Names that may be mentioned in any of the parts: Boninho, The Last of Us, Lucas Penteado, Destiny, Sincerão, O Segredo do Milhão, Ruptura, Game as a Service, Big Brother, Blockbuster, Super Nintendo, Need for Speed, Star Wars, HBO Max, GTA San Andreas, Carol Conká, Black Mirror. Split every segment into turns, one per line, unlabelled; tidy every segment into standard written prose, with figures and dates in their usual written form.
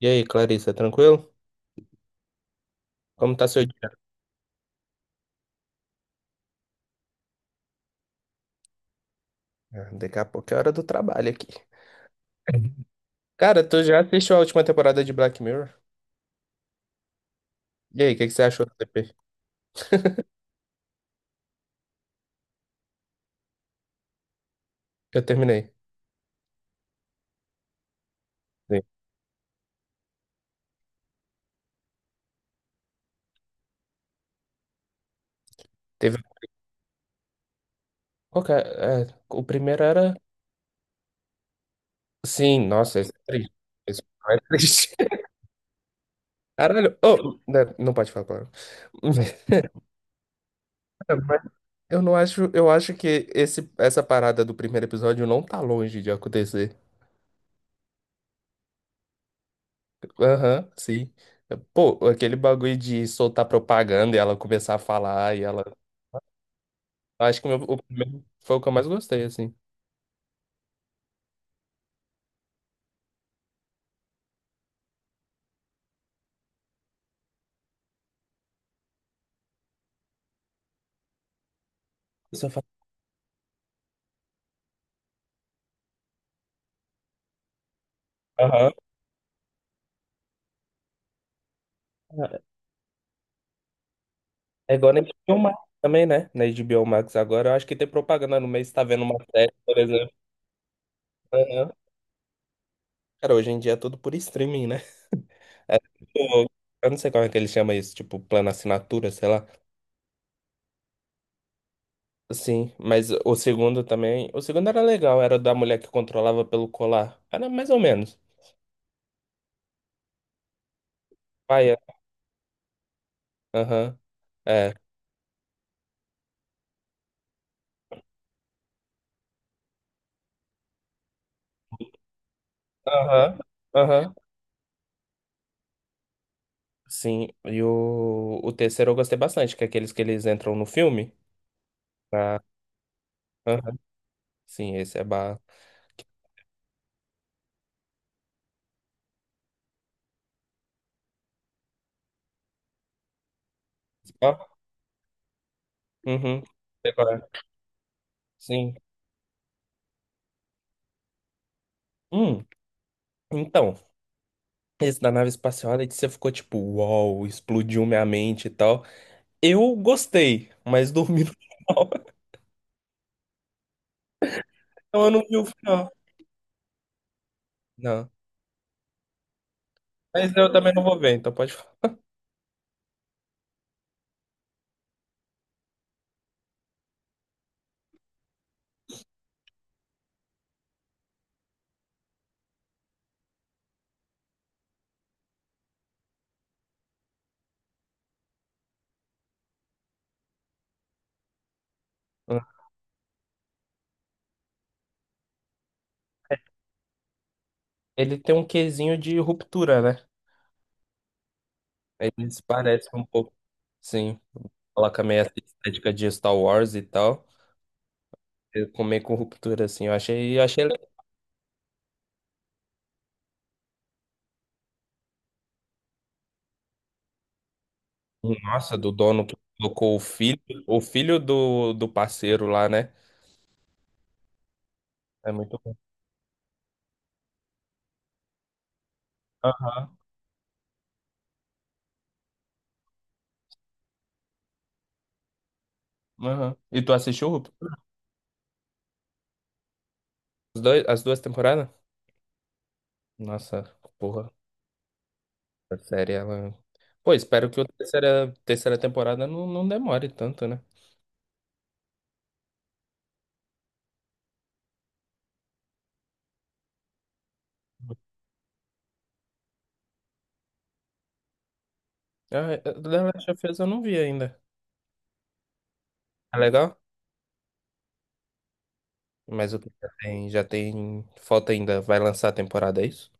E aí, Clarissa, tranquilo? Como tá seu dia? Ah, daqui a pouco é hora do trabalho aqui. Cara, tu já assistiu a última temporada de Black Mirror? E aí, o que que você achou do TP? Eu terminei. Sim. Teve. Qual que é? É, o primeiro era. Sim, nossa, esse é triste. Esse é triste. Caralho. Oh, né, não pode falar, claro. Mas eu não acho. Eu acho que esse, essa parada do primeiro episódio não tá longe de acontecer. Aham, sim. Pô, aquele bagulho de soltar propaganda e ela começar a falar e ela. Acho que o primeiro foi o que eu mais gostei, assim. Eu só faz- Aham. É igual na HBO Max também, né? Na HBO Max agora, eu acho que tem propaganda no mês, tá vendo uma série, por exemplo. Aham. Cara, hoje em dia é tudo por streaming, né? Tipo, eu não sei como é que ele chama isso, tipo, plano assinatura, sei lá. Sim, mas o segundo também. O segundo era legal, era da mulher que controlava pelo colar. Era mais ou menos. Paia. Aham. Aham, aham. Sim, e o terceiro eu gostei bastante, que é aqueles que eles entram no filme. Ah, aham. Sim, esse é ba... Ó, uhum. Sei qual é. Sim. Hum, então, esse da nave espacial, aí você ficou tipo, uau, explodiu minha mente e tal. Eu gostei, mas dormi no final. Então eu não vi o final. Não. Mas eu também não vou ver, então pode falar. Ele tem um quesinho de ruptura, né? Eles parecem um pouco, sim, coloca meio essa estética de Star Wars e tal. Eu comer com ruptura, assim, eu achei legal. Nossa, do dono que colocou o filho do parceiro lá, né? É muito bom. Aham, aham. E tu assistiu Ruptura? Os dois, as duas temporadas? Nossa, porra, a série, ela... Pô, espero que a terceira temporada não demore tanto, né? Ah, The Last of Us eu não vi ainda. É legal? Mas o que já tem, já tem. Falta ainda. Vai lançar a temporada, é isso?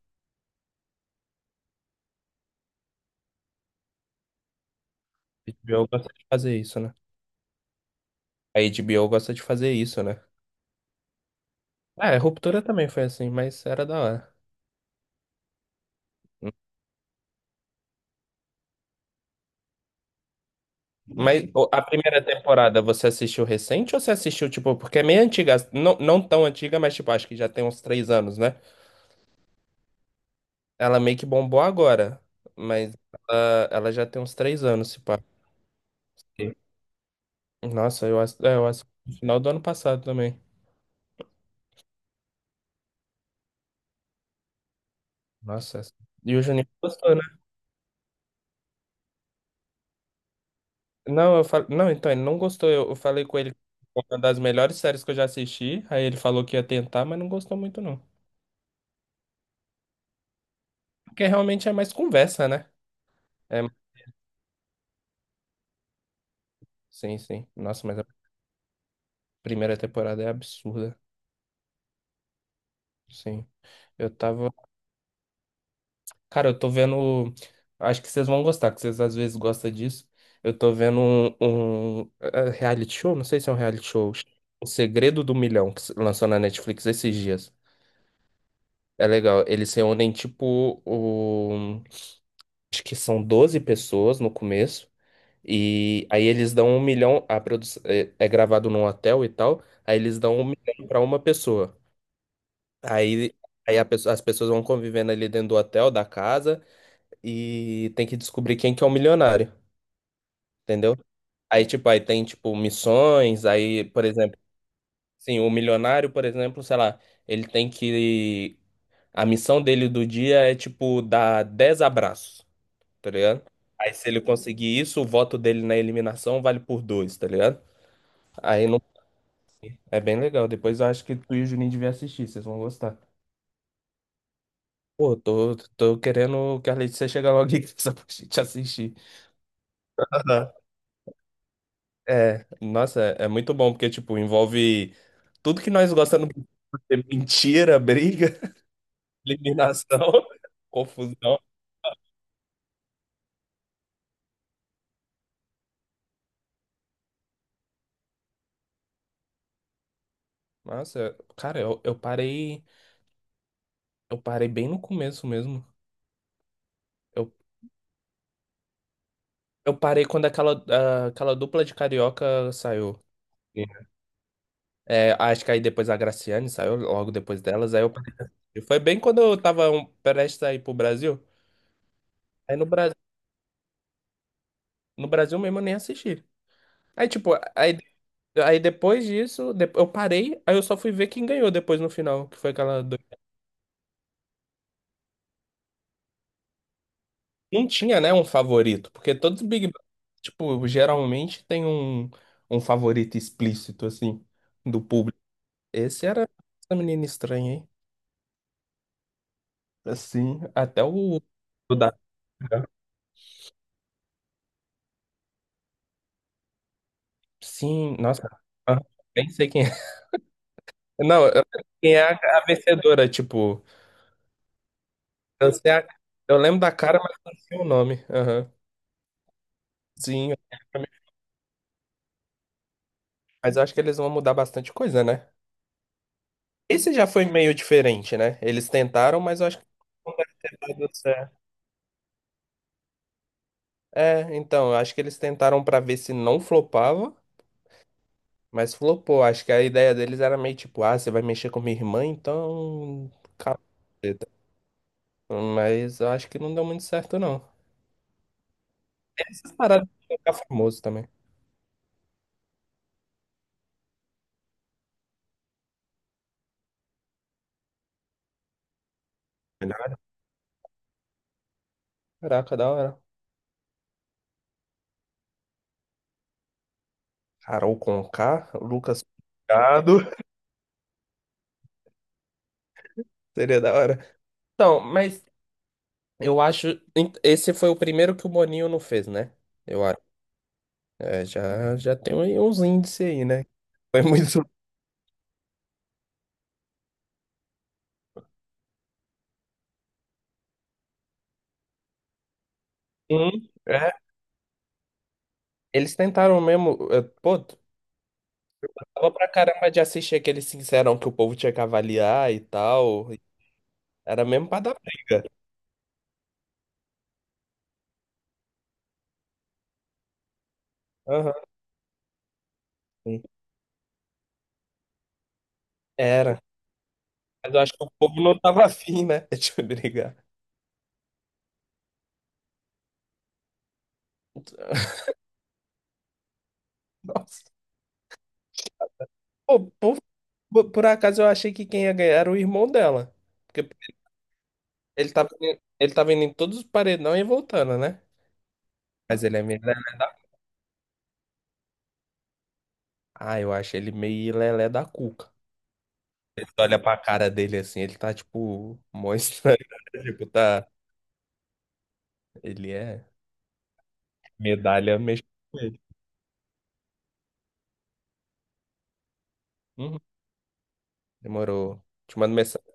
A HBO gosta de fazer isso, né? A HBO gosta de fazer isso, né? Ah, é, Ruptura também foi assim, mas era da hora. Mas ô, a primeira temporada você assistiu recente ou você assistiu, tipo, porque é meio antiga, não, não tão antiga, mas tipo, acho que já tem uns 3 anos, né? Ela meio que bombou agora, mas ela já tem uns 3 anos, se pá. Nossa, eu acho, é, eu acho no final do ano passado também. Nossa, essa- e o Juninho gostou, né? Não, eu fal... não, então ele não gostou. Eu falei com ele que foi uma das melhores séries que eu já assisti. Aí ele falou que ia tentar, mas não gostou muito, não. Porque realmente é mais conversa, né? É... Sim, sim. Nossa, mas a primeira temporada é absurda. Sim. Eu tava. Cara, eu tô vendo. Acho que vocês vão gostar, que vocês às vezes gostam disso. Eu tô vendo um reality show, não sei se é um reality show. O Segredo do Milhão, que se lançou na Netflix esses dias. É legal. Eles reúnem, tipo, o. Acho que são 12 pessoas no começo, e aí eles dão um milhão, a produção é gravado num hotel e tal, aí eles dão um milhão pra uma pessoa. Aí, aí a pessoa- as pessoas vão convivendo ali dentro do hotel, da casa, e tem que descobrir quem que é o milionário, entendeu? Aí, tipo, aí tem, tipo, missões, aí, por exemplo, sim, o milionário, por exemplo, sei lá, ele tem que... A missão dele do dia é, tipo, dar 10 abraços. Tá ligado? Aí se ele conseguir isso, o voto dele na eliminação vale por dois, tá ligado? Aí não... É bem legal. Depois eu acho que tu e o Juninho deviam assistir, vocês vão gostar. Pô, tô querendo que a Letícia chegue logo aqui só pra gente assistir. Aham. É, nossa, é muito bom, porque, tipo, envolve tudo que nós gostamos de ver. Mentira, briga, eliminação, confusão. Nossa, cara, eu parei bem no começo mesmo. Eu, eu parei quando aquela dupla de carioca saiu. É, acho que aí depois a Graciane saiu logo depois delas. Aí eu perdi. Foi bem quando eu tava prestes a ir pro Brasil. Aí no Brasil mesmo eu nem assisti. Aí, tipo, aí depois disso, eu parei, aí eu só fui ver quem ganhou depois no final, que foi aquela. Do- Não tinha, né, um favorito, porque todos os Big Brother, tipo, geralmente tem um favorito explícito, assim, do público. Esse era essa menina estranha, hein? Assim, até o. O da- Sim, nossa. Aham. Nem sei quem. Não, eu lembro quem é a vencedora, tipo, eu sei a- eu lembro da cara, mas não sei o nome. Aham. Sim, mas eu acho que eles vão mudar bastante coisa, né? Esse já foi meio diferente, né? Eles tentaram, mas eu acho que tá dando certo. É, então, eu acho que eles tentaram pra ver se não flopava, mas flopou. Acho que a ideia deles era meio tipo, ah, você vai mexer com minha irmã, então. Treta. Mas eu acho que não deu muito certo, não. Essas paradas de ficar famoso também. Caraca, da hora. Carol Conká, Lucas Penteado, seria da hora. Então, mas eu acho. Esse foi o primeiro que o Boninho não fez, né? Eu acho. É, já tem aí uns índices aí, né? Foi muito ruim, é. Eles tentaram mesmo. É, pô, tava pra caramba de assistir aquele Sincerão que o povo tinha que avaliar e tal. Era mesmo pra dar briga. Aham, sim. Era. Mas eu acho que o povo não tava afim, né? Deixa eu brigar. Nossa. Pô, por acaso eu achei que quem ia ganhar era o irmão dela. Porque ele tava indo em todos os paredões e voltando, né? Mas ele é meio lelé. Ah, eu acho ele meio lelé da cuca. Você olha pra cara dele assim, ele tá tipo. Mó estranho. Tipo, tá. Ele é medalha mesmo. Com ele. Uhum. Demorou. Te mando mensagem.